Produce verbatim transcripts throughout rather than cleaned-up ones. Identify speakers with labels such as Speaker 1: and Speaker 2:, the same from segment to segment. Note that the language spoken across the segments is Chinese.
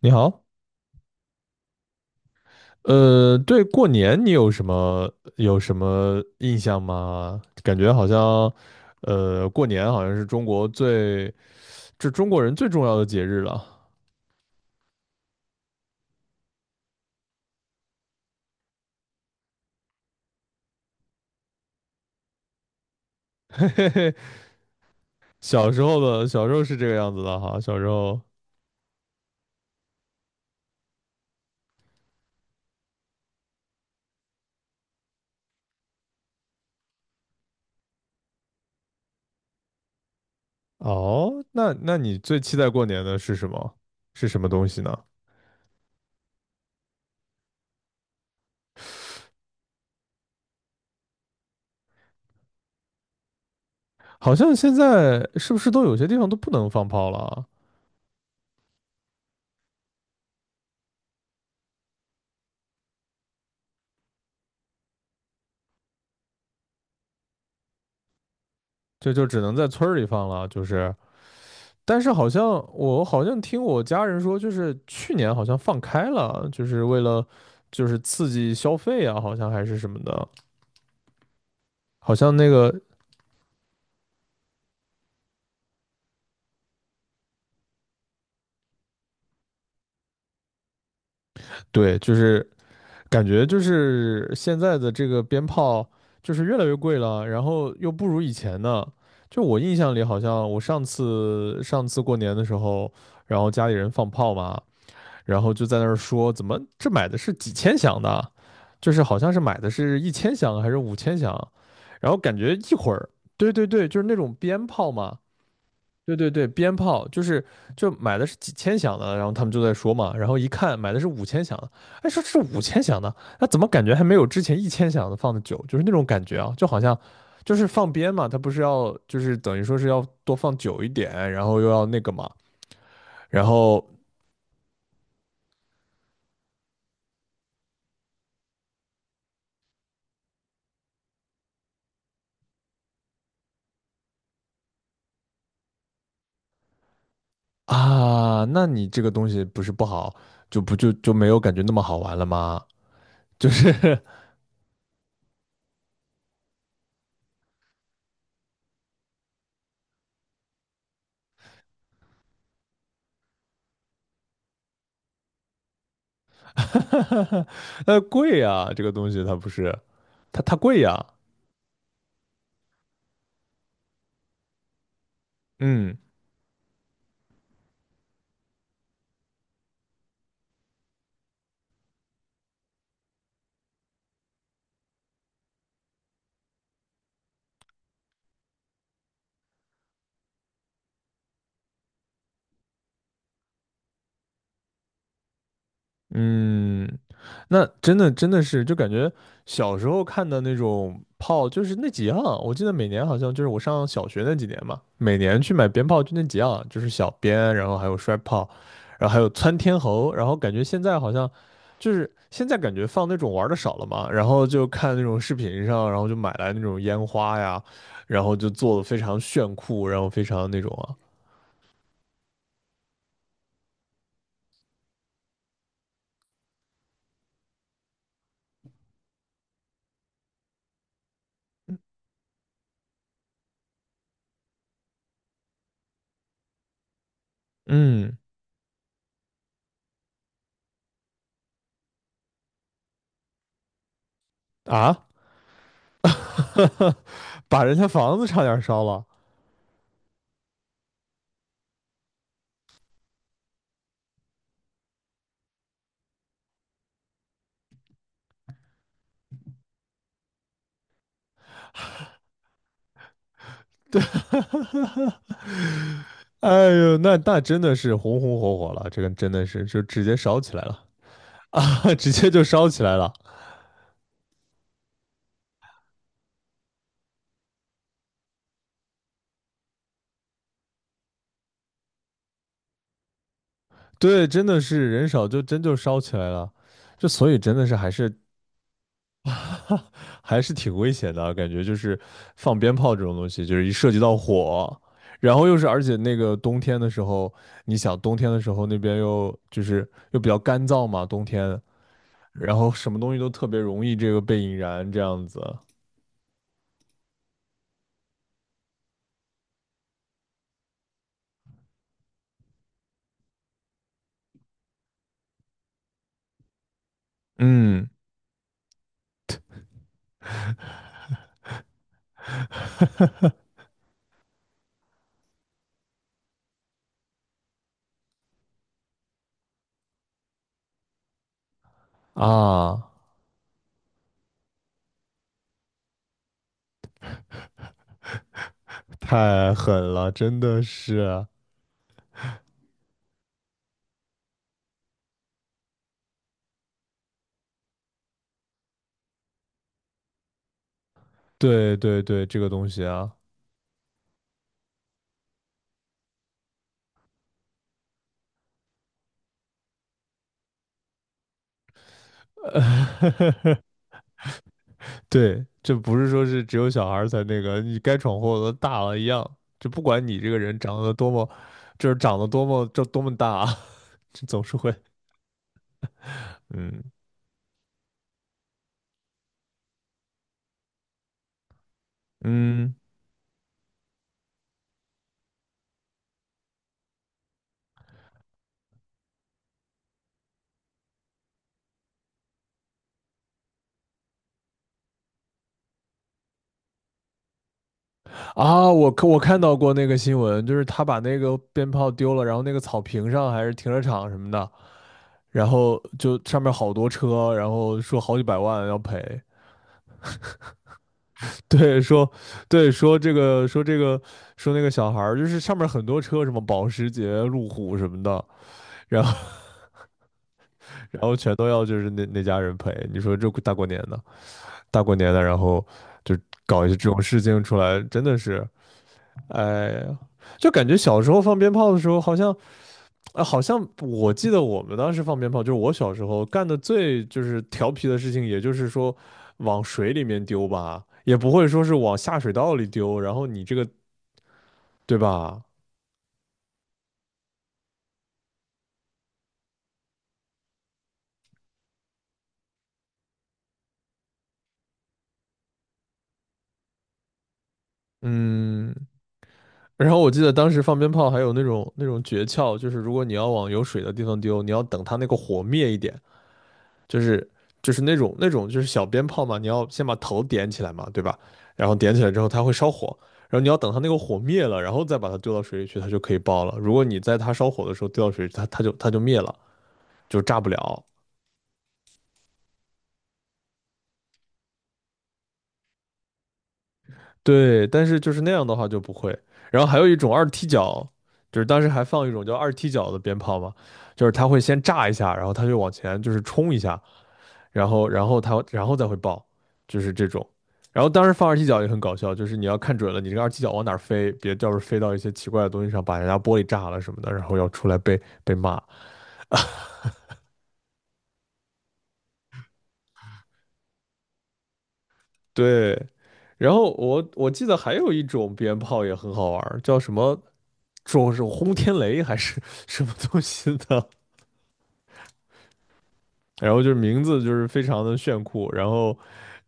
Speaker 1: 你好。呃，对过年你有什么有什么印象吗？感觉好像，呃，过年好像是中国最，这中国人最重要的节日了。嘿嘿，小时候的小时候是这个样子的哈，小时候哦，那那你最期待过年的是什么？是什么东西呢？好像现在是不是都有些地方都不能放炮了啊？就就只能在村儿里放了，就是。但是好像我好像听我家人说，就是去年好像放开了，就是为了就是刺激消费啊，好像还是什么的，好像那个对，就是感觉就是现在的这个鞭炮就是越来越贵了，然后又不如以前呢。就我印象里，好像我上次上次过年的时候，然后家里人放炮嘛，然后就在那儿说怎么这买的是几千响的，就是好像是买的是一千响还是五千响，然后感觉一会儿，对对对，就是那种鞭炮嘛。对对对，鞭炮就是就买的是几千响的，然后他们就在说嘛，然后一看买的是五千响的，哎，说这是五千响的，那怎么感觉还没有之前一千响的放的久，就是那种感觉啊，就好像。就是放鞭嘛，它不是要就是等于说是要多放久一点，然后又要那个嘛，然后啊，那你这个东西不是不好，就不就就没有感觉那么好玩了吗？就是 呃，贵呀，这个东西它不是，它它贵呀。嗯。嗯，那真的真的是，就感觉小时候看的那种炮，就是那几样。我记得每年好像就是我上小学那几年嘛，每年去买鞭炮就那几样，就是小鞭，然后还有摔炮，然后还有窜天猴。然后感觉现在好像就是现在感觉放那种玩的少了嘛，然后就看那种视频上，然后就买来那种烟花呀，然后就做的非常炫酷，然后非常那种啊。嗯啊，把人家房子差点烧了。对，哎呦，那那真的是红红火火了，这个真的是就直接烧起来了，直接就烧起来了。对，真的是人少就真就烧起来了，就所以真的是还是 还是挺危险的啊，感觉就是放鞭炮这种东西，就是一涉及到火，然后又是而且那个冬天的时候，你想冬天的时候那边又就是又比较干燥嘛，冬天，然后什么东西都特别容易这个被引燃这样子。嗯。啊，太狠了，真的是。对对对，这个东西啊，对，这不是说是只有小孩儿才那个，你该闯祸的大了一样，就不管你这个人长得多么，就是长得多么，这多么大啊，这总是会。嗯嗯啊，我看我看到过那个新闻，就是他把那个鞭炮丢了，然后那个草坪上还是停车场什么的，然后就上面好多车，然后说好几百万要赔。对，说，对，说这个，说这个，说那个小孩儿，就是上面很多车，什么保时捷、路虎什么的，然后，然后全都要就是那那家人赔。你说这大过年的，大过年的，然后就搞一些这种事情出来，真的是，哎呀，就感觉小时候放鞭炮的时候，好像，啊，好像我记得我们当时放鞭炮，就是我小时候干的最就是调皮的事情，也就是说往水里面丢吧。也不会说是往下水道里丢，然后你这个对吧？嗯，然后我记得当时放鞭炮还有那种那种诀窍，就是如果你要往有水的地方丢，你要等它那个火灭一点，就是就是那种那种就是小鞭炮嘛，你要先把头点起来嘛，对吧？然后点起来之后它会烧火，然后你要等它那个火灭了，然后再把它丢到水里去，它就可以爆了。如果你在它烧火的时候丢到水里去它它就它就灭了，就炸不了。对，但是就是那样的话就不会。然后还有一种二踢脚，就是当时还放一种叫二踢脚的鞭炮嘛，就是它会先炸一下，然后它就往前就是冲一下，然后然后它然后再会爆，就是这种。然后当时放二踢脚也很搞笑，就是你要看准了你这个二踢脚往哪儿飞，别到时候飞到一些奇怪的东西上，把人家玻璃炸了什么的，然后要出来被被骂。对，然后我我记得还有一种鞭炮也很好玩儿叫什么？说是轰天雷还是什么东西的，然后就是名字就是非常的炫酷，然后，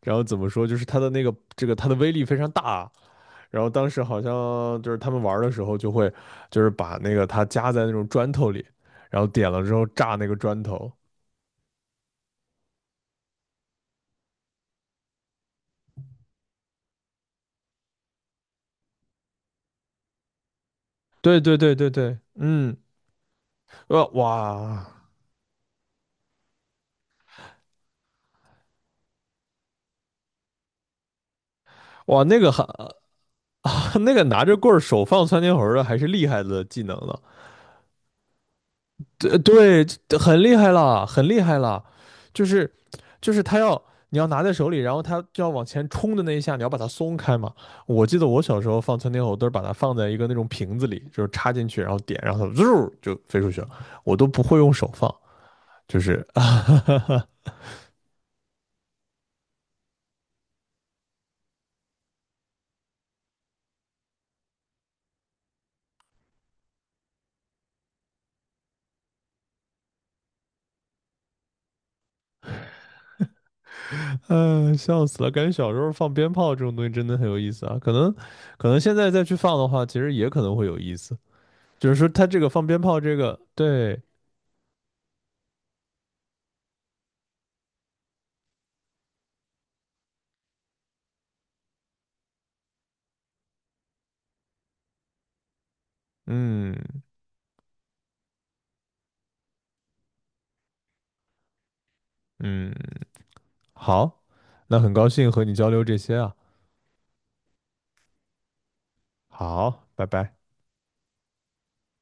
Speaker 1: 然后怎么说，就是它的那个这个它的威力非常大，然后当时好像就是他们玩的时候就会就是把那个它夹在那种砖头里，然后点了之后炸那个砖头。对对对对对，嗯，呃哇哇那个还 那个拿着棍儿手放窜天猴的还是厉害的技能呢，对对，这很厉害了，很厉害了，就是就是他要你要拿在手里，然后他就要往前冲的那一下，你要把它松开嘛。我记得我小时候放窜天猴都是把它放在一个那种瓶子里，就是插进去，然后点，然后它嗖就飞出去了。我都不会用手放，就是 啊嗯，笑死了！感觉小时候放鞭炮这种东西真的很有意思啊。可能，可能现在再去放的话，其实也可能会有意思。就是说，它这个放鞭炮这个，对。嗯嗯，好，那很高兴和你交流这些啊。好，拜拜。